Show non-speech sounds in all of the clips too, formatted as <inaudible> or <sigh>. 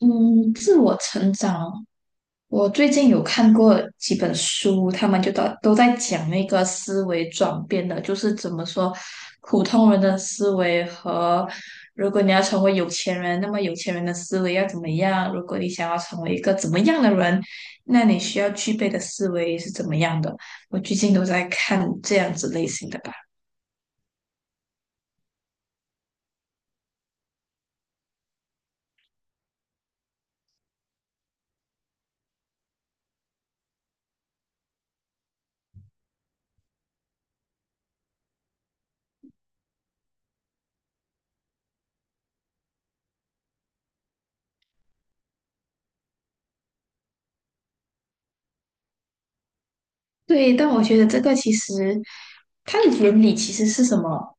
嗯，自我成长，我最近有看过几本书，他们就都在讲那个思维转变的，就是怎么说普通人的思维和如果你要成为有钱人，那么有钱人的思维要怎么样？如果你想要成为一个怎么样的人，那你需要具备的思维是怎么样的？我最近都在看这样子类型的吧。对，但我觉得这个其实它的原理其实是什么？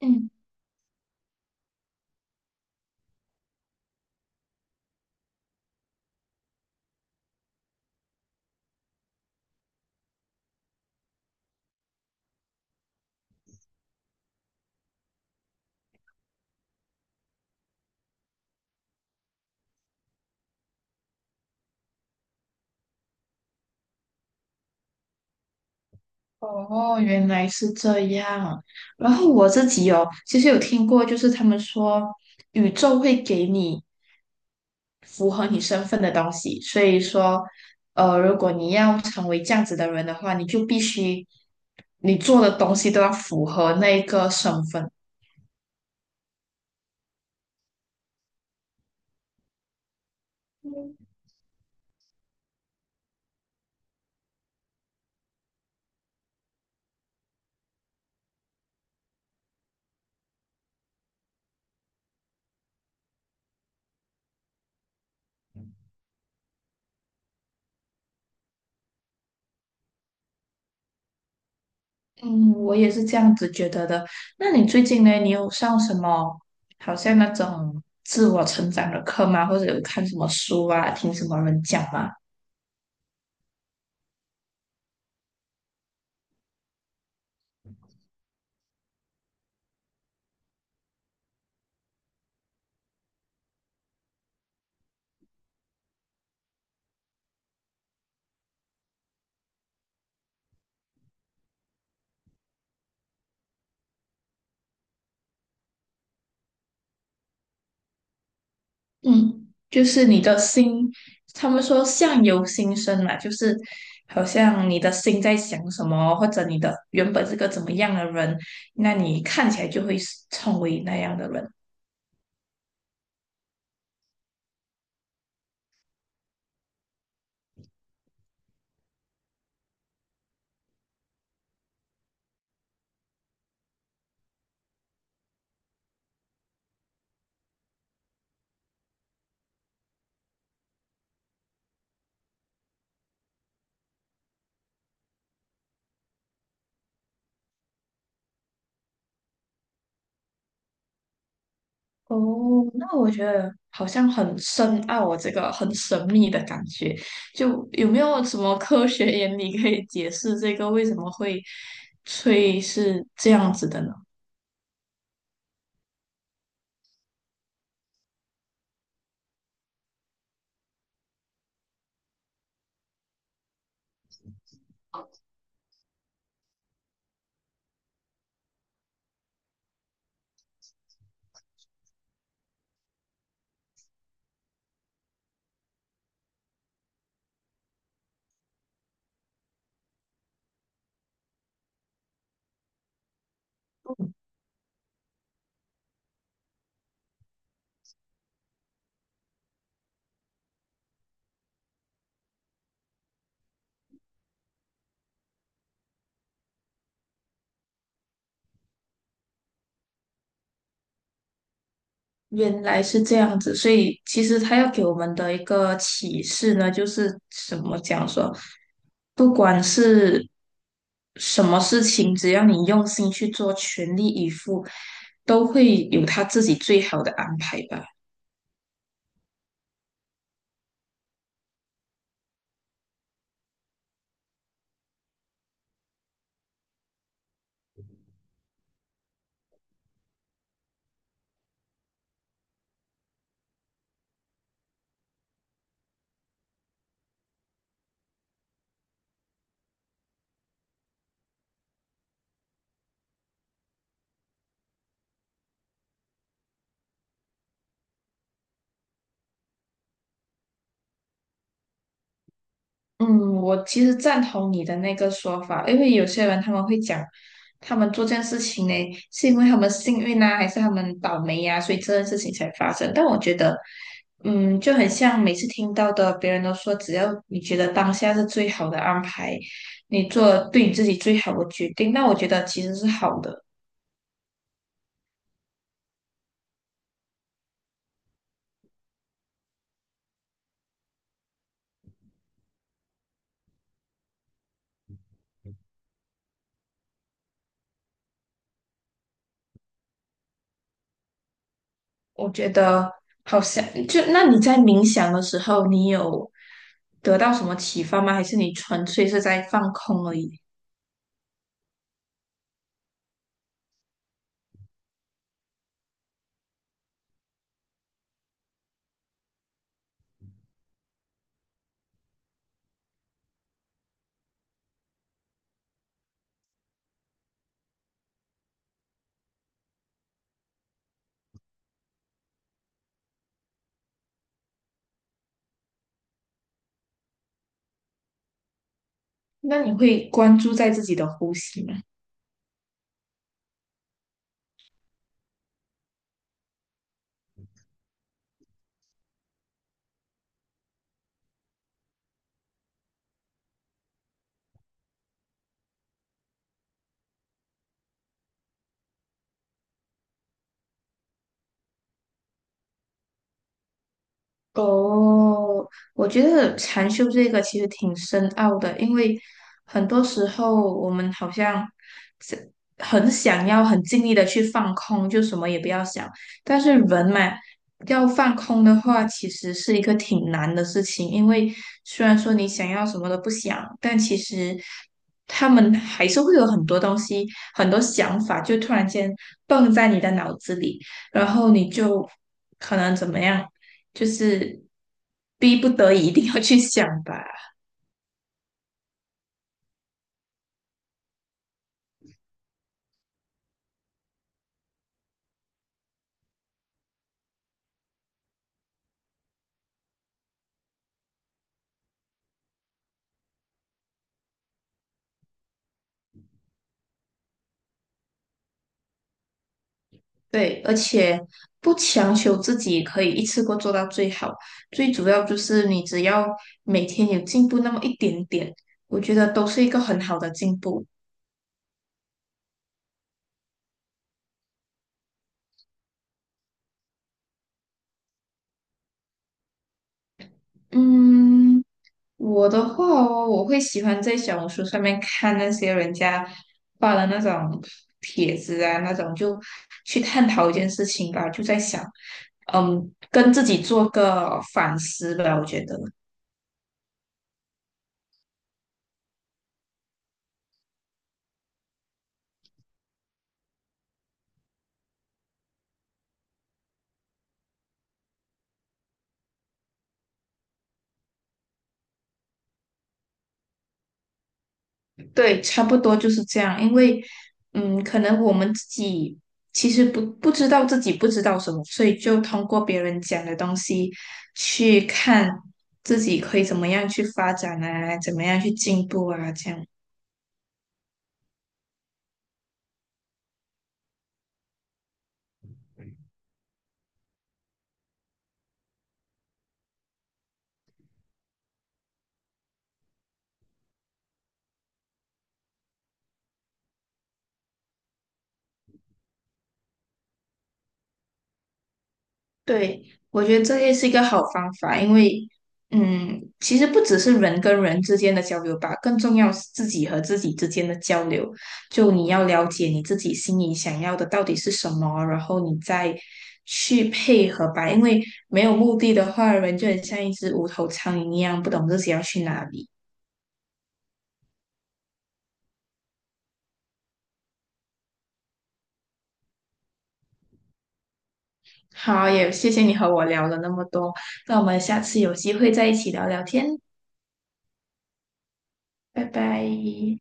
嗯。哦，原来是这样。然后我自己哦，其实有听过，就是他们说宇宙会给你符合你身份的东西，所以说，如果你要成为这样子的人的话，你就必须你做的东西都要符合那个身份。嗯，我也是这样子觉得的。那你最近呢，你有上什么好像那种自我成长的课吗？或者有看什么书啊，听什么人讲吗？嗯，就是你的心，他们说相由心生嘛，就是好像你的心在想什么，或者你的原本是个怎么样的人，那你看起来就会是成为那样的人。哦，那我觉得好像很深奥哦，这个很神秘的感觉。就有没有什么科学 <laughs> 原理可以解释这个为什么会吹是这样子的呢？原来是这样子，所以其实他要给我们的一个启示呢，就是怎么讲说，不管是什么事情，只要你用心去做，全力以赴，都会有他自己最好的安排吧。嗯，我其实赞同你的那个说法，因为有些人他们会讲，他们做这件事情呢，是因为他们幸运啊，还是他们倒霉呀、所以这件事情才发生。但我觉得，嗯，就很像每次听到的，别人都说，只要你觉得当下是最好的安排，你做对你自己最好的决定，那我觉得其实是好的。我觉得好像就那你在冥想的时候，你有得到什么启发吗？还是你纯粹是在放空而已？那你会关注在自己的呼吸吗？哦，我觉得禅修这个其实挺深奥的，因为很多时候我们好像是很想要很尽力的去放空，就什么也不要想。但是人嘛，要放空的话，其实是一个挺难的事情，因为虽然说你想要什么都不想，但其实他们还是会有很多东西、很多想法，就突然间蹦在你的脑子里。然后你就可能怎么样？就是逼不得已一定要去想吧。对，而且不强求自己可以一次过做到最好，最主要就是你只要每天有进步那么一点点，我觉得都是一个很好的进步。嗯，我的话哦，我会喜欢在小红书上面看那些人家发的那种帖子啊，那种就去探讨一件事情吧，就在想，嗯，跟自己做个反思吧，我觉得。对，差不多就是这样。因为，嗯，可能我们自己其实不知道自己不知道什么，所以就通过别人讲的东西去看自己可以怎么样去发展啊，怎么样去进步啊，这样。对，我觉得这也是一个好方法，因为，嗯，其实不只是人跟人之间的交流吧，更重要是自己和自己之间的交流。就你要了解你自己心里想要的到底是什么，然后你再去配合吧。因为没有目的的话，人就很像一只无头苍蝇一样，不懂自己要去哪里。好，也谢谢你和我聊了那么多，那我们下次有机会再一起聊聊天，拜拜。